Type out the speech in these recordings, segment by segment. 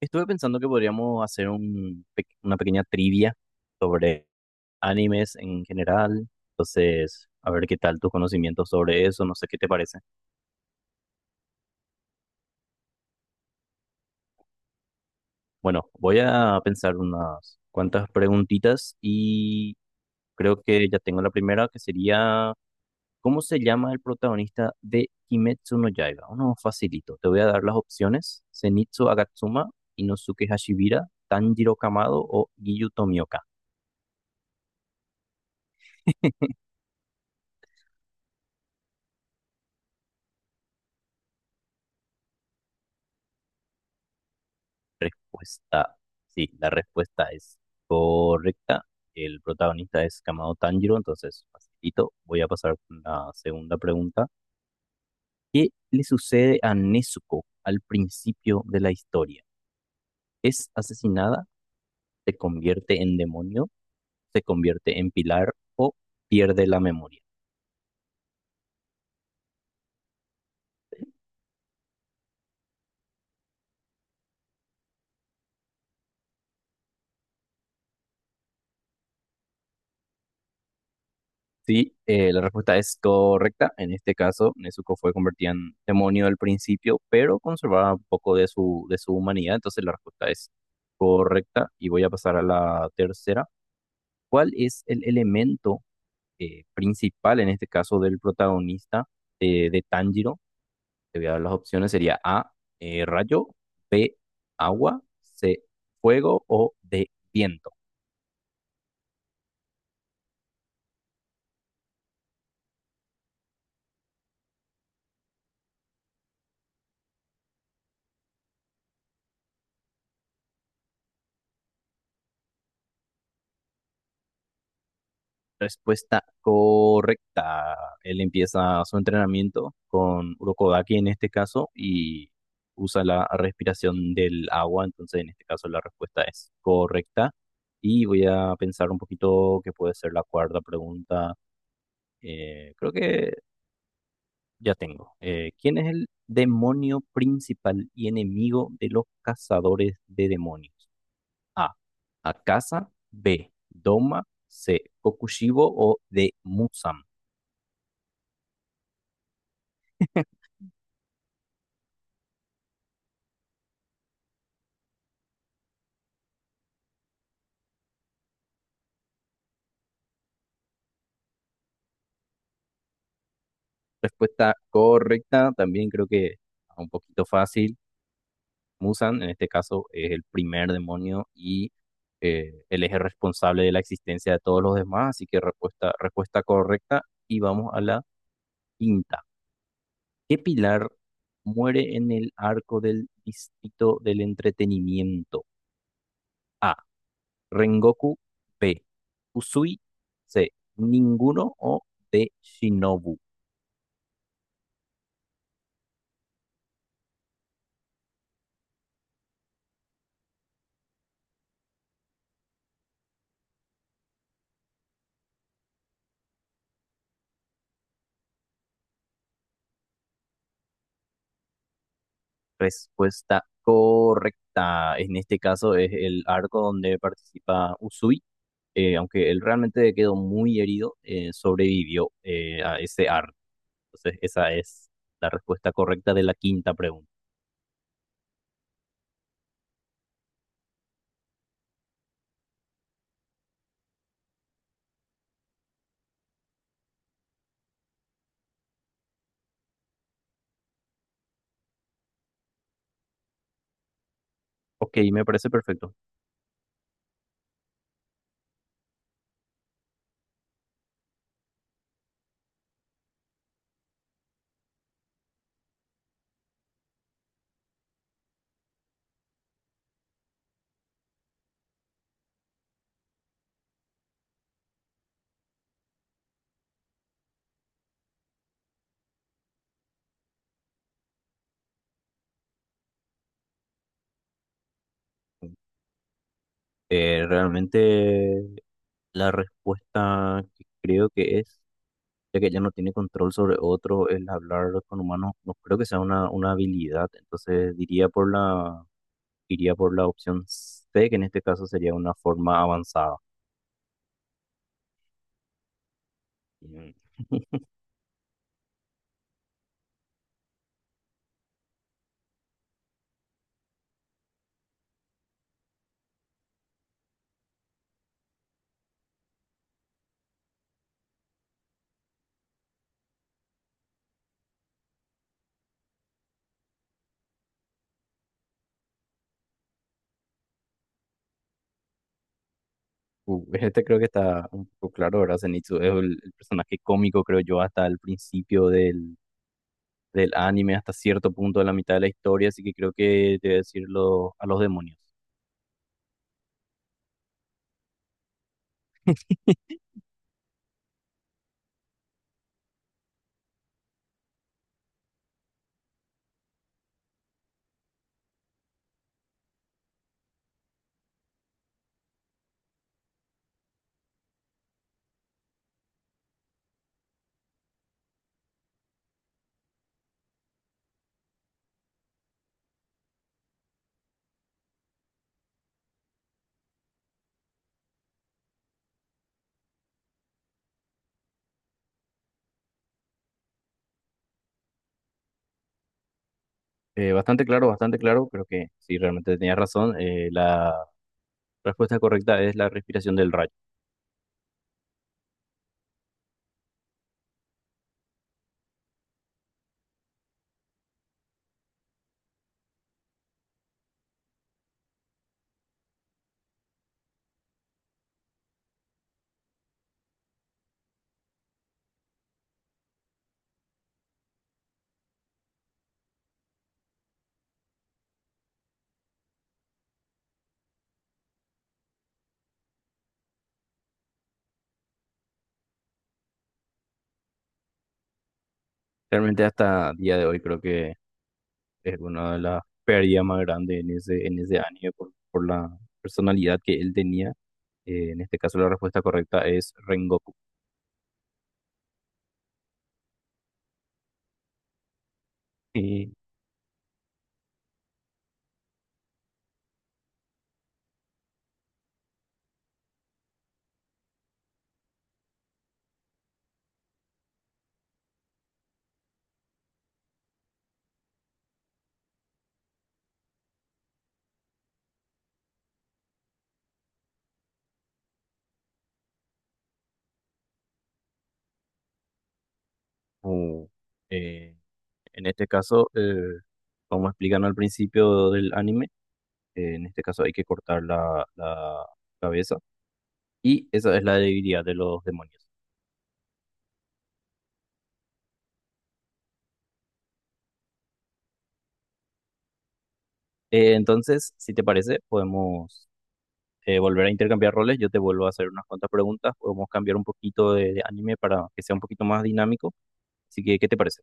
Estuve pensando que podríamos hacer una pequeña trivia sobre animes en general. Entonces, a ver qué tal tus conocimientos sobre eso, no sé qué te parece. Bueno, voy a pensar unas cuantas preguntitas y creo que ya tengo la primera, que sería, ¿cómo se llama el protagonista de Kimetsu no Yaiba? Uno facilito. Te voy a dar las opciones. Zenitsu Agatsuma, Inosuke Hashibira, Tanjiro Kamado o Giyu Tomioka. Respuesta, sí, la respuesta es correcta. El protagonista es Kamado Tanjiro, entonces facilito. Voy a pasar con la segunda pregunta. ¿Qué le sucede a Nezuko al principio de la historia? ¿Es asesinada? ¿Se convierte en demonio? ¿Se convierte en pilar o pierde la memoria? Sí, la respuesta es correcta. En este caso, Nezuko fue convertida en demonio al principio, pero conservaba un poco de su humanidad. Entonces, la respuesta es correcta. Y voy a pasar a la tercera. ¿Cuál es el elemento principal, en este caso, del protagonista de Tanjiro? Te voy a dar las opciones. Sería A, rayo, B, agua, C, fuego o D, viento. Respuesta correcta. Él empieza su entrenamiento con urokodaki en este caso y usa la respiración del agua. Entonces, en este caso, la respuesta es correcta. Y voy a pensar un poquito qué puede ser la cuarta pregunta. Creo que ya tengo. ¿Quién es el demonio principal y enemigo de los cazadores de demonios? A. Akasa. B. Doma. C. Kokushibo o D. Musam. Respuesta correcta, también creo que un poquito fácil. Musan, en este caso, es el primer demonio y él es el responsable de la existencia de todos los demás, así que respuesta correcta. Y vamos a la quinta. ¿Qué pilar muere en el arco del distrito del entretenimiento? A. Rengoku. B. Usui. C. Ninguno o D. Shinobu. Respuesta correcta. En este caso es el arco donde participa Usui. Aunque él realmente quedó muy herido, sobrevivió a ese arco. Entonces, esa es la respuesta correcta de la quinta pregunta. Ok, me parece perfecto. Realmente la respuesta que creo que es, ya que ella no tiene control sobre otro, el hablar con humanos, no creo que sea una habilidad. Entonces diría por la iría por la opción C, que en este caso sería una forma avanzada. Mm. Este creo que está un poco claro, ¿verdad? Zenitsu es el personaje cómico, creo yo, hasta el principio del anime, hasta cierto punto de la mitad de la historia, así que creo que debe decirlo a los demonios. Bastante claro, creo que sí, realmente tenías razón. La respuesta correcta es la respiración del rayo. Realmente hasta día de hoy creo que es una de las pérdidas más grandes en ese anime por la personalidad que él tenía. En este caso la respuesta correcta es Rengoku. Y, uh, eh, en este caso, como explican al principio del anime, en este caso hay que cortar la cabeza y esa es la debilidad de los demonios. Entonces, si te parece, podemos volver a intercambiar roles. Yo te vuelvo a hacer unas cuantas preguntas. Podemos cambiar un poquito de anime para que sea un poquito más dinámico. Así que, ¿qué te parece?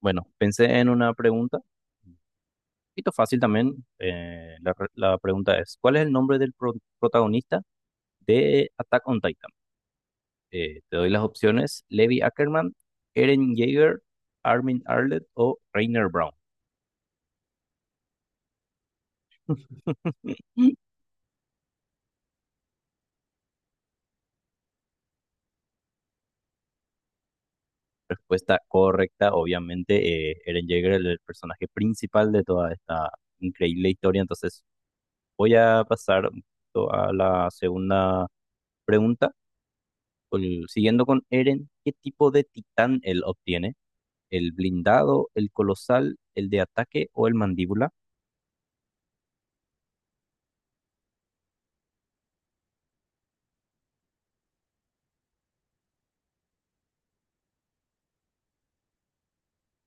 Bueno, pensé en una pregunta, un poquito fácil también. La pregunta es, ¿cuál es el nombre protagonista de Attack on Titan? Te doy las opciones, Levi Ackerman, Eren Jaeger, Armin Arlet o Rainer Brown. Respuesta correcta, obviamente, Eren Jaeger es el personaje principal de toda esta increíble historia. Entonces, voy a pasar un poquito a la segunda pregunta. Siguiendo con Eren, ¿qué tipo de titán él obtiene? ¿El blindado, el colosal, el de ataque o el mandíbula?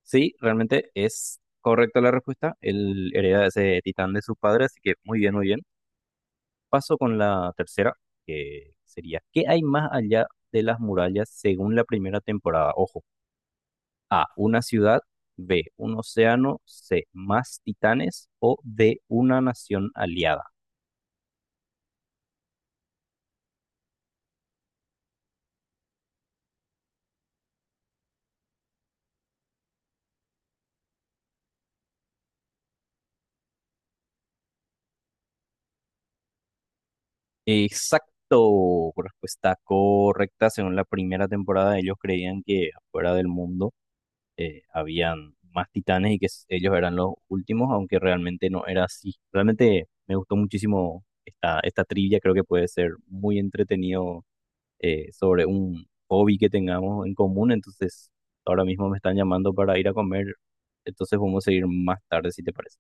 Sí, realmente es correcta la respuesta. Él hereda ese titán de su padre, así que muy bien, muy bien. Paso con la tercera, que sería, ¿qué hay más allá de las murallas según la primera temporada? Ojo, A, una ciudad, B, un océano, C, más titanes o D, una nación aliada. Exacto, respuesta correcta. Según la primera temporada, ellos creían que fuera del mundo habían más titanes y ellos eran los últimos, aunque realmente no era así. Realmente me gustó muchísimo esta, esta trivia, creo que puede ser muy entretenido sobre un hobby que tengamos en común. Entonces, ahora mismo me están llamando para ir a comer, entonces vamos a seguir más tarde si te parece.